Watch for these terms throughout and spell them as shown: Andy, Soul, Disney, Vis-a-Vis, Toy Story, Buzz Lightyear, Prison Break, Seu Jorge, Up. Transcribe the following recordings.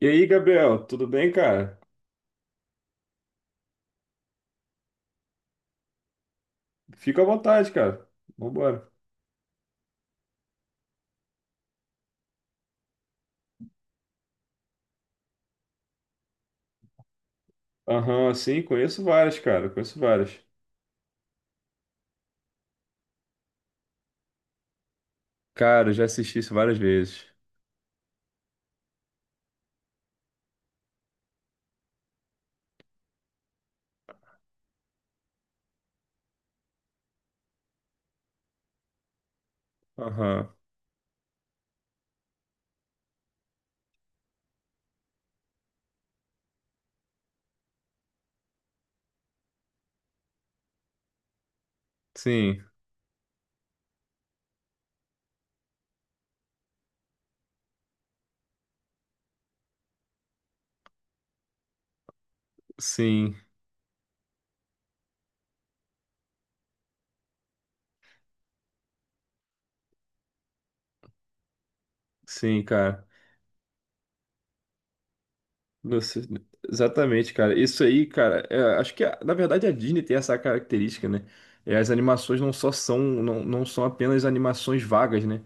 E aí, Gabriel, tudo bem, cara? Fica à vontade, cara. Vambora. Aham, sim, conheço várias, cara. Conheço várias. Cara, eu já assisti isso várias vezes. Aham. Sim, sim, sim, cara. Nossa, exatamente, cara. Isso aí, cara, é, acho que na verdade a Disney tem essa característica, né? É, as animações não só são, não, não são apenas animações vagas, né?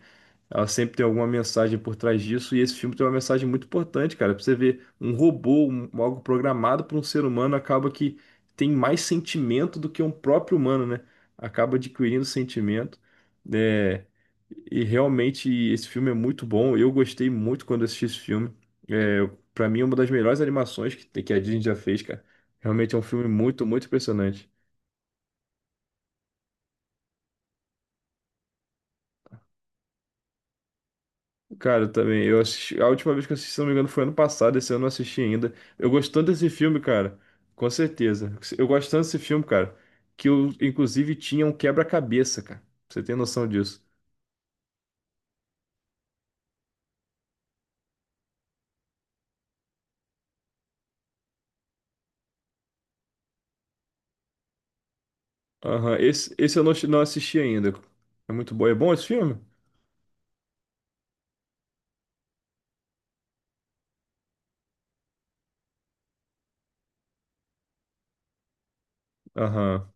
Ela sempre tem alguma mensagem por trás disso, e esse filme tem uma mensagem muito importante, cara. Pra você ver, um robô, um- algo programado por um ser humano, acaba que tem mais sentimento do que um próprio humano, né? Acaba adquirindo sentimento. É, e realmente esse filme é muito bom. Eu gostei muito quando assisti esse filme. É, para mim, é uma das melhores animações que a Disney já fez, cara. Realmente é um filme muito, muito impressionante. Cara, eu também. Eu assisti, a última vez que eu assisti, se não me engano, foi ano passado. Esse ano eu não assisti ainda. Eu gosto tanto desse filme, cara. Com certeza. Eu gosto tanto desse filme, cara, que eu, inclusive, tinha um quebra-cabeça, cara. Você tem noção disso? Aham. Esse eu não assisti ainda. É muito bom. É bom esse filme? Aham,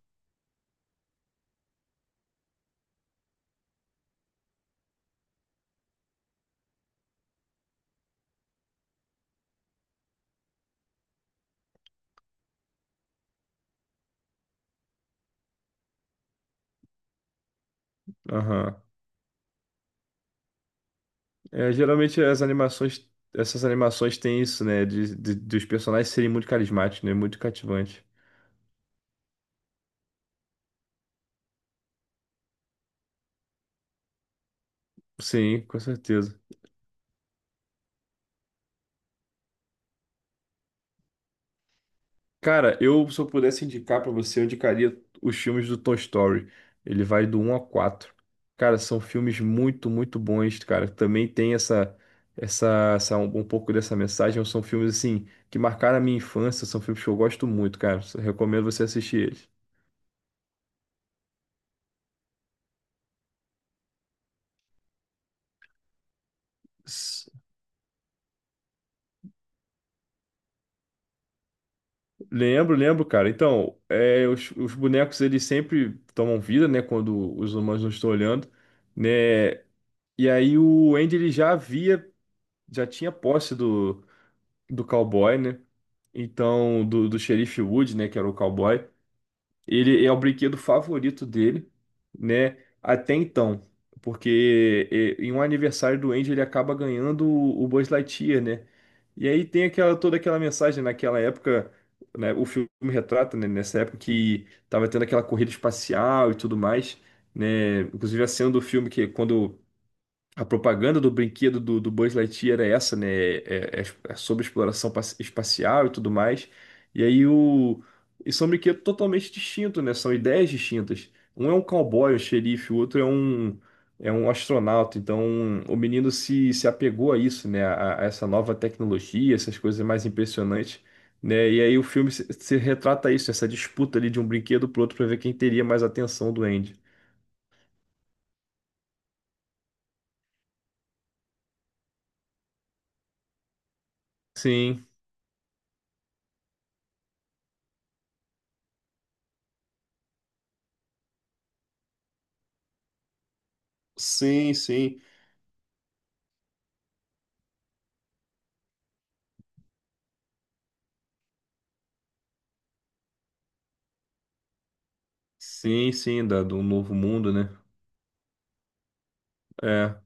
aham. É, geralmente as animações, essas animações têm isso, né? Dos personagens serem muito carismáticos, né? Muito cativantes. Sim, com certeza. Cara, eu se eu pudesse indicar pra você, eu indicaria os filmes do Toy Story. Ele vai do um a 4. Cara, são filmes muito, muito bons, cara. Também tem essa, essa, essa um, um pouco dessa mensagem. São filmes assim que marcaram a minha infância. São filmes que eu gosto muito, cara. Recomendo você assistir eles. S- Lembro, lembro, cara. Então, é, os bonecos eles sempre tomam vida, né? Quando os humanos não estão olhando, né? E aí o Andy ele já havia, já tinha posse do cowboy, né? Então, do xerife Wood, né, que era o cowboy, ele é o brinquedo favorito dele, né, até então, porque é, em um aniversário do Andy ele acaba ganhando o Buzz Lightyear, né? E aí tem aquela mensagem naquela época, né, o filme retrata, né, nessa época que tava tendo aquela corrida espacial e tudo mais, né? Inclusive a cena do filme que é quando a propaganda do brinquedo do Buzz Lightyear é essa, né? É, é sobre exploração espacial e tudo mais. E aí o. E são brinquedos totalmente distintos, né? São ideias distintas. Um é um cowboy, um xerife, o outro é é um astronauta. Então o menino se apegou a isso, né? A essa nova tecnologia, essas coisas mais impressionantes, né? E aí o filme se retrata isso, essa disputa ali de um brinquedo pro outro para ver quem teria mais atenção do Andy. Sim, sim. Sim, sim, da, do Novo Mundo, né? É,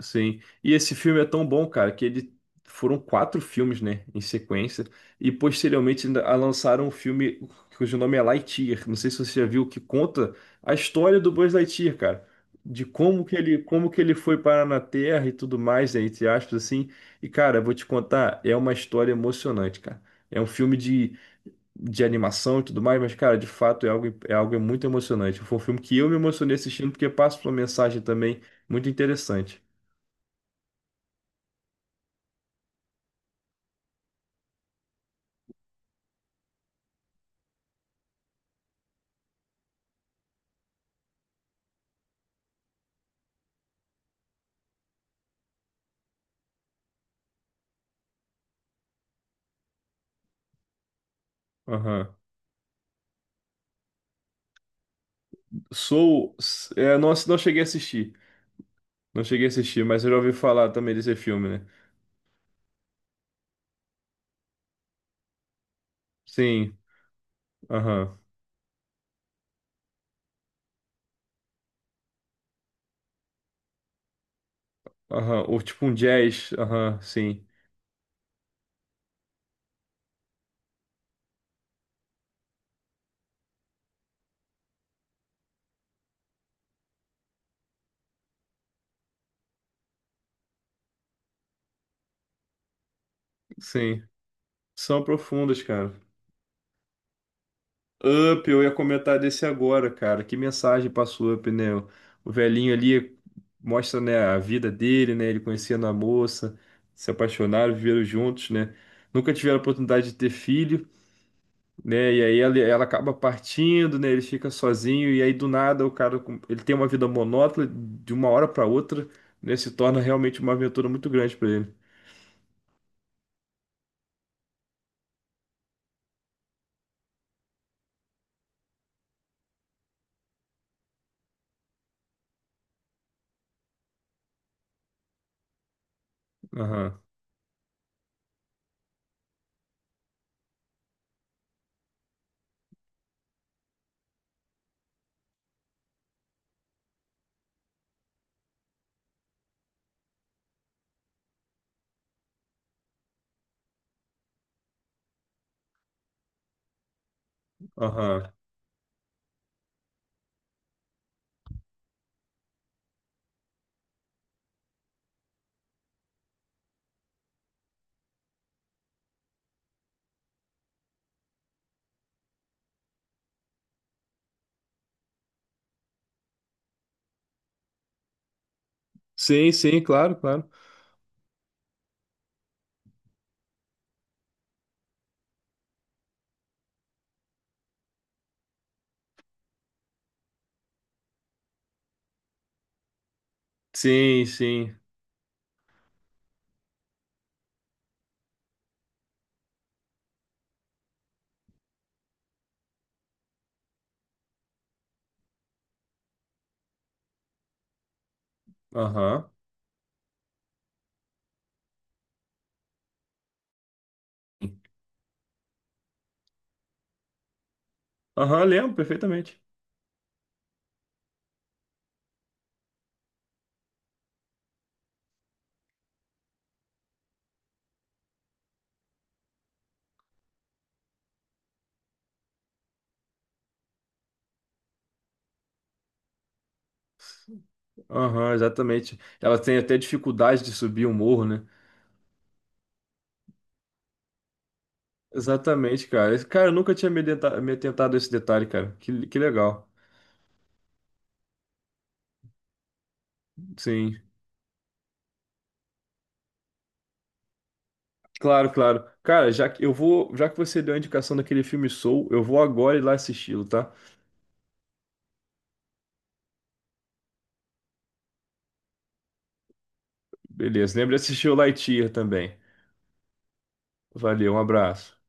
sim. E esse filme é tão bom, cara, que ele foram quatro filmes, né, em sequência, e posteriormente ainda lançaram um filme cujo nome é Lightyear. Não sei se você já viu, que conta a história do Buzz Lightyear, cara, de como que ele foi parar na Terra e tudo mais, né, entre aspas, assim. E, cara, eu vou te contar, é uma história emocionante, cara. É um filme de animação e tudo mais, mas, cara, de fato é algo muito emocionante. Foi um filme que eu me emocionei assistindo porque passa uma mensagem também muito interessante. Aham. Soul, é, não, não cheguei a assistir. Não cheguei a assistir, mas eu já ouvi falar também desse filme, né? Sim, aham, aham. Ou tipo um jazz, aham, sim, sim. São profundas, cara. Up, eu ia comentar desse agora, cara. Que mensagem passou Up, né? O velhinho ali mostra, né, a vida dele, né? Ele conhecendo a moça, se apaixonaram, viveram juntos, né? Nunca tiveram a oportunidade de ter filho, né? E aí ela acaba partindo, né? Ele fica sozinho e aí do nada o cara, ele tem uma vida monótona de uma hora para outra, né? Se torna realmente uma aventura muito grande para ele. Aham, aham. Sim, sim, claro, claro. Sim, sim. Aham. Aham, lembro perfeitamente. Aham, exatamente. Ela tem até dificuldade de subir um morro, né? Exatamente, cara. Cara, eu nunca tinha me, me atentado a esse detalhe, cara. Que legal. Sim. Claro, claro. Cara, já que eu vou, já que você deu a indicação daquele filme Soul, eu vou agora ir lá assisti-lo, tá? Beleza. Lembra de assistir o Lightyear também. Valeu, um abraço.